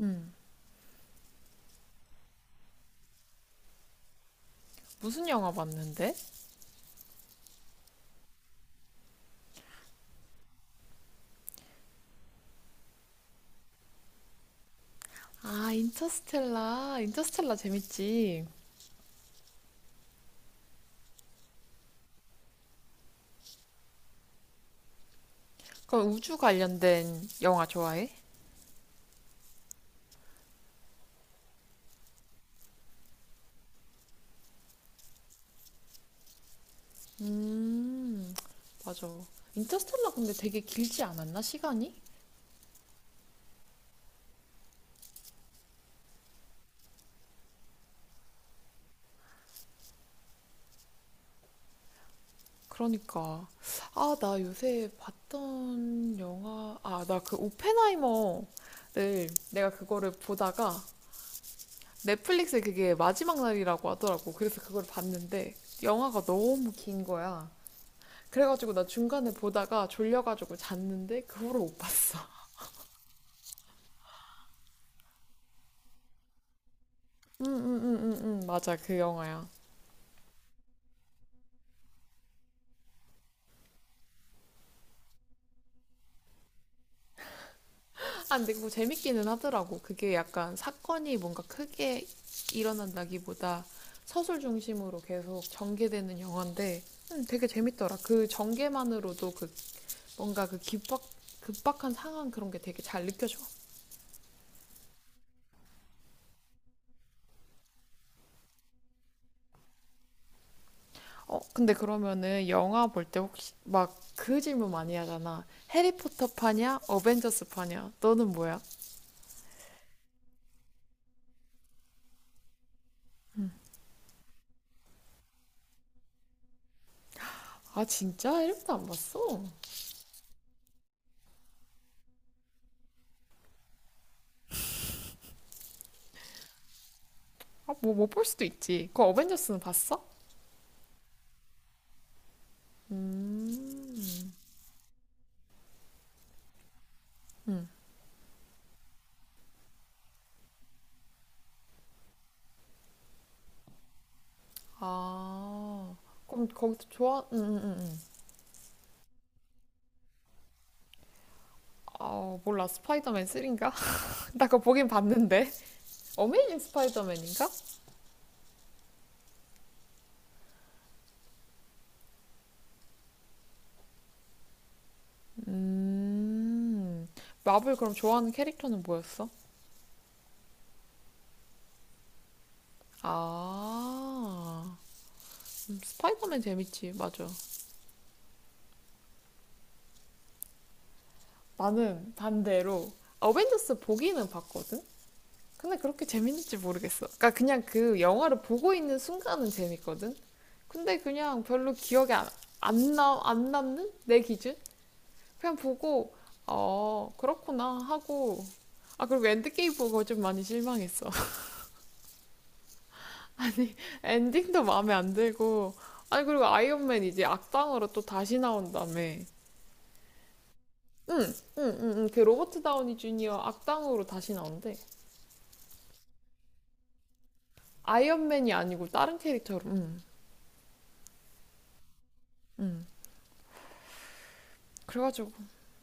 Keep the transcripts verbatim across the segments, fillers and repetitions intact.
응. 무슨 영화 봤는데? 아, 인터스텔라. 인터스텔라 재밌지. 그럼 우주 관련된 영화 좋아해? 음, 맞아. 인터스텔라 근데 되게 길지 않았나, 시간이? 그러니까. 아, 나 요새 봤던 영화, 아, 나 그 오펜하이머를 내가 그거를 보다가 넷플릭스에 그게 마지막 날이라고 하더라고. 그래서 그걸 봤는데 영화가 너무 긴 거야. 그래가지고 나 중간에 보다가 졸려가지고 잤는데 그 후로 못 봤어. 응응응응응 맞아, 그 영화야. 아, 근데 그거 재밌기는 하더라고. 그게 약간 사건이 뭔가 크게 일어난다기보다 서술 중심으로 계속 전개되는 영화인데 음, 되게 재밌더라. 그 전개만으로도 그 뭔가 그 급박 급박한 상황 그런 게 되게 잘 느껴져. 어, 근데 그러면은 영화 볼 때 혹시 막 그 질문 많이 하잖아. 해리포터 파냐, 어벤져스 파냐, 너는 뭐야? 아, 진짜? 일 부도 안 봤어? 아, 뭐 못 볼 수도 있지. 그 어벤져스는 봤어? 음. 음. 아. 그럼 거기서 좋아? 음, 음, 음. 음. 아, 몰라. 스파이더맨 삼인가? 나 그거 보긴 봤는데. 어메이징 스파이더맨인가? 음. 마블 그럼 좋아하는 캐릭터는 뭐였어? 아. 음, 스파이더맨 재밌지. 맞아. 나는 반대로 어벤져스 보기는 봤거든? 근데 그렇게 재밌는지 모르겠어. 그러니까 그냥 그 영화를 보고 있는 순간은 재밌거든. 근데 그냥 별로 기억에 안, 안, 남, 안 남는 내 기준? 그냥 보고 어 그렇구나 하고, 아, 그리고 엔드게임 보고 좀 많이 실망했어. 아니, 엔딩도 마음에 안 들고, 아니, 그리고 아이언맨 이제 악당으로 또 다시 나온다며. 응, 응, 응, 응. 그 로버트 다우니 주니어 악당으로 다시 나온대. 아이언맨이 아니고 다른 캐릭터로. 응, 응. 그래가지고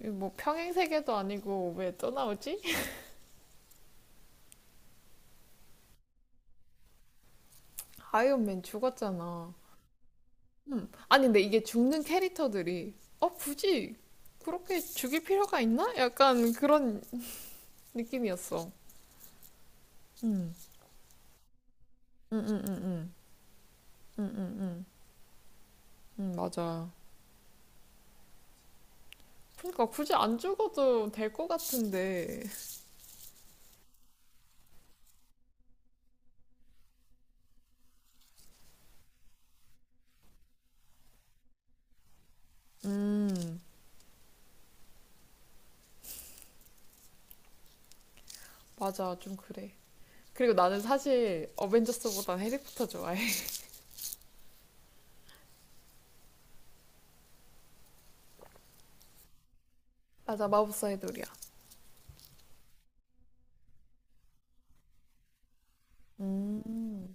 이뭐 평행 세계도 아니고 왜 또 나오지? 아이언맨 죽었잖아. 음. 아니, 근데 이게 죽는 캐릭터들이 어 굳이 그렇게 죽일 필요가 있나? 약간 그런 느낌이었어. 음. 응응응응. 응응응. 응, 맞아. 그러니까 굳이 안 죽어도 될 것 같은데. 음. 맞아, 좀 그래. 그리고 나는 사실 어벤져스보단 해리포터 좋아해. 맞아, 마법사의 돌이야. 음.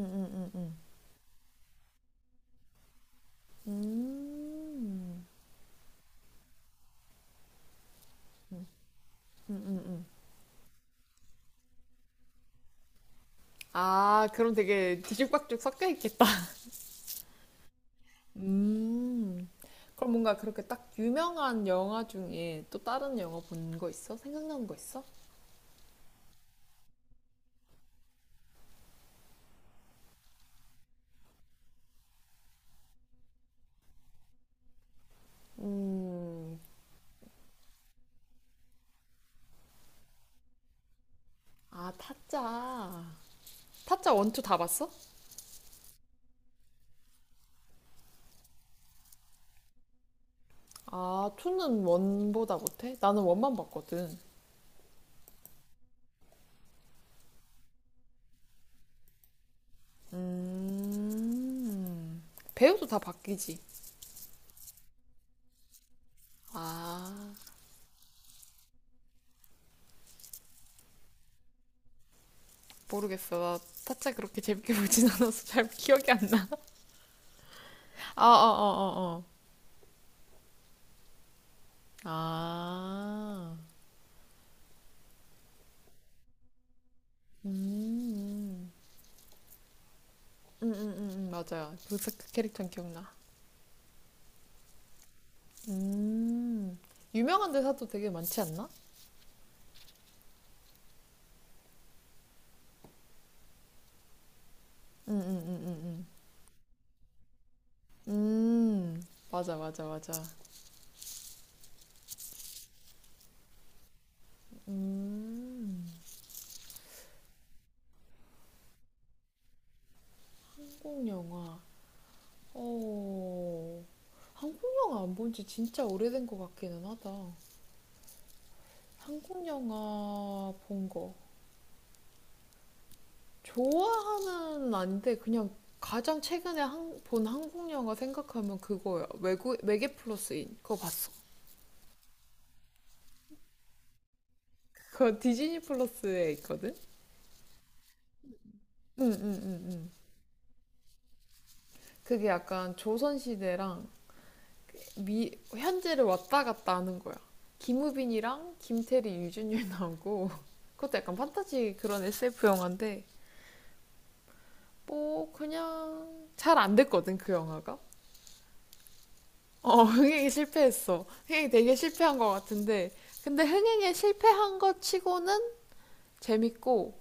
응응응응. 음. 음음음. 아, 그럼 되게 뒤죽박죽 섞여 있겠다. 음. 그럼 뭔가 그렇게 딱 유명한 영화 중에 또 다른 영화 본 거 있어? 생각나는 거 있어? 음. 아, 타짜. 타짜 원투 다 봤어? 아, 투는 원보다 못해? 나는 원만 봤거든. 음. 배우도 다 바뀌지. 아, 모르겠어. 나 타짜 그렇게 재밌게 보진 않아서 잘 기억이 안 나. 어, 어, 어, 어, 어. 아. 음. 음, 음, 음, 음, 맞아요. 그, 사- 그 캐릭터는 기억나. 음. 유명한 대사도 되게 많지 않나? 음, 음, 음, 음, 음. 음. 맞아, 맞아, 맞아. 음. 한국 영화. 어. 한국 영화 안 본지 진짜 오래된 것 같기는 하다. 한국 영화 본 거. 좋아하는 아닌데 그냥 가장 최근에 한, 본 한국 영화 생각하면 그거야. 외국 외계 플러스인 그거 봤어? 그거 디즈니 플러스에 있거든. 응응응응. 그게 약간 조선 시대랑 미 현재를 왔다 갔다 하는 거야. 김우빈이랑 김태리, 유준열 나오고 그것도 약간 판타지 그런 에스에프 영화인데 뭐 그냥 잘 안 됐거든 그 영화가. 어, 흥행이 실패했어. 흥행이 되게 실패한 것 같은데. 근데 흥행에 실패한 것 치고는 재밌고,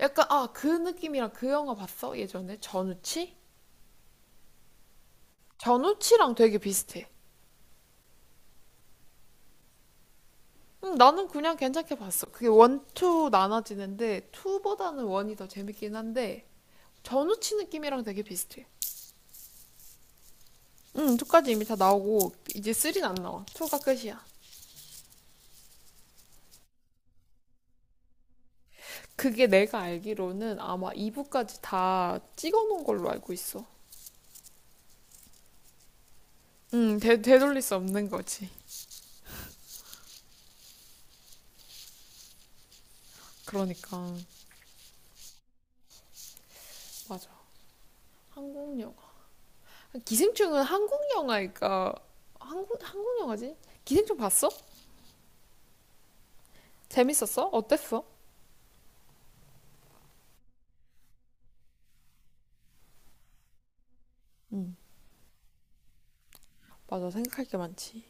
약간, 아, 그 느낌이랑 그 영화 봤어? 예전에? 전우치? 전우치랑 되게 비슷해. 음, 나는 그냥 괜찮게 봤어. 그게 원, 투 나눠지는데, 투보다는 원이 더 재밌긴 한데, 전우치 느낌이랑 되게 비슷해. 응, 이까지 이미 다 나오고, 이제 삼은 안 나와. 이가 끝이야. 그게 내가 알기로는 아마 이 부까지 다 찍어놓은 걸로 알고 있어. 응, 되, 되돌릴 수 없는 거지. 그러니까 맞아. 한국 영화. 기생충은 한국 영화니까 한국 한국 영화지? 기생충 봤어? 재밌었어? 어땠어? 응, 맞아. 생각할 게 많지.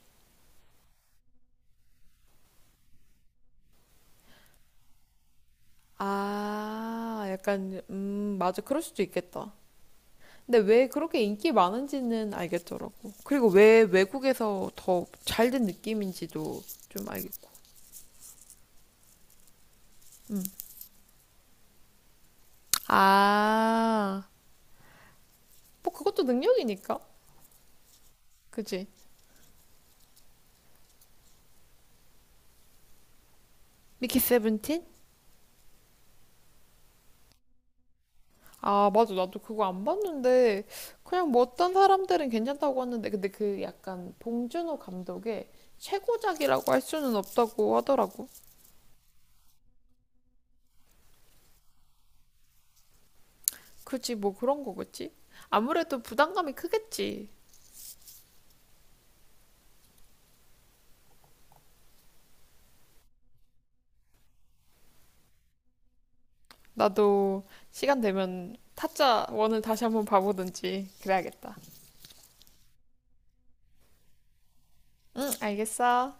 아, 약간 음, 맞아. 그럴 수도 있겠다. 근데 왜 그렇게 인기 많은지는 알겠더라고. 그리고 왜 외국에서 더 잘 된 느낌인지도 좀 알겠고. 아, 뭐 그것도 능력이니까. 그지? 미키 세븐틴? 아, 맞아. 나도 그거 안 봤는데, 그냥 뭐 어떤 사람들은 괜찮다고 하는데, 근데 그 약간 봉준호 감독의 최고작이라고 할 수는 없다고 하더라고. 그지, 뭐 그런 거겠지? 아무래도 부담감이 크겠지. 나도 시간 되면 타짜 원을 다시 한번 봐보든지 그래야겠다. 응, 알겠어.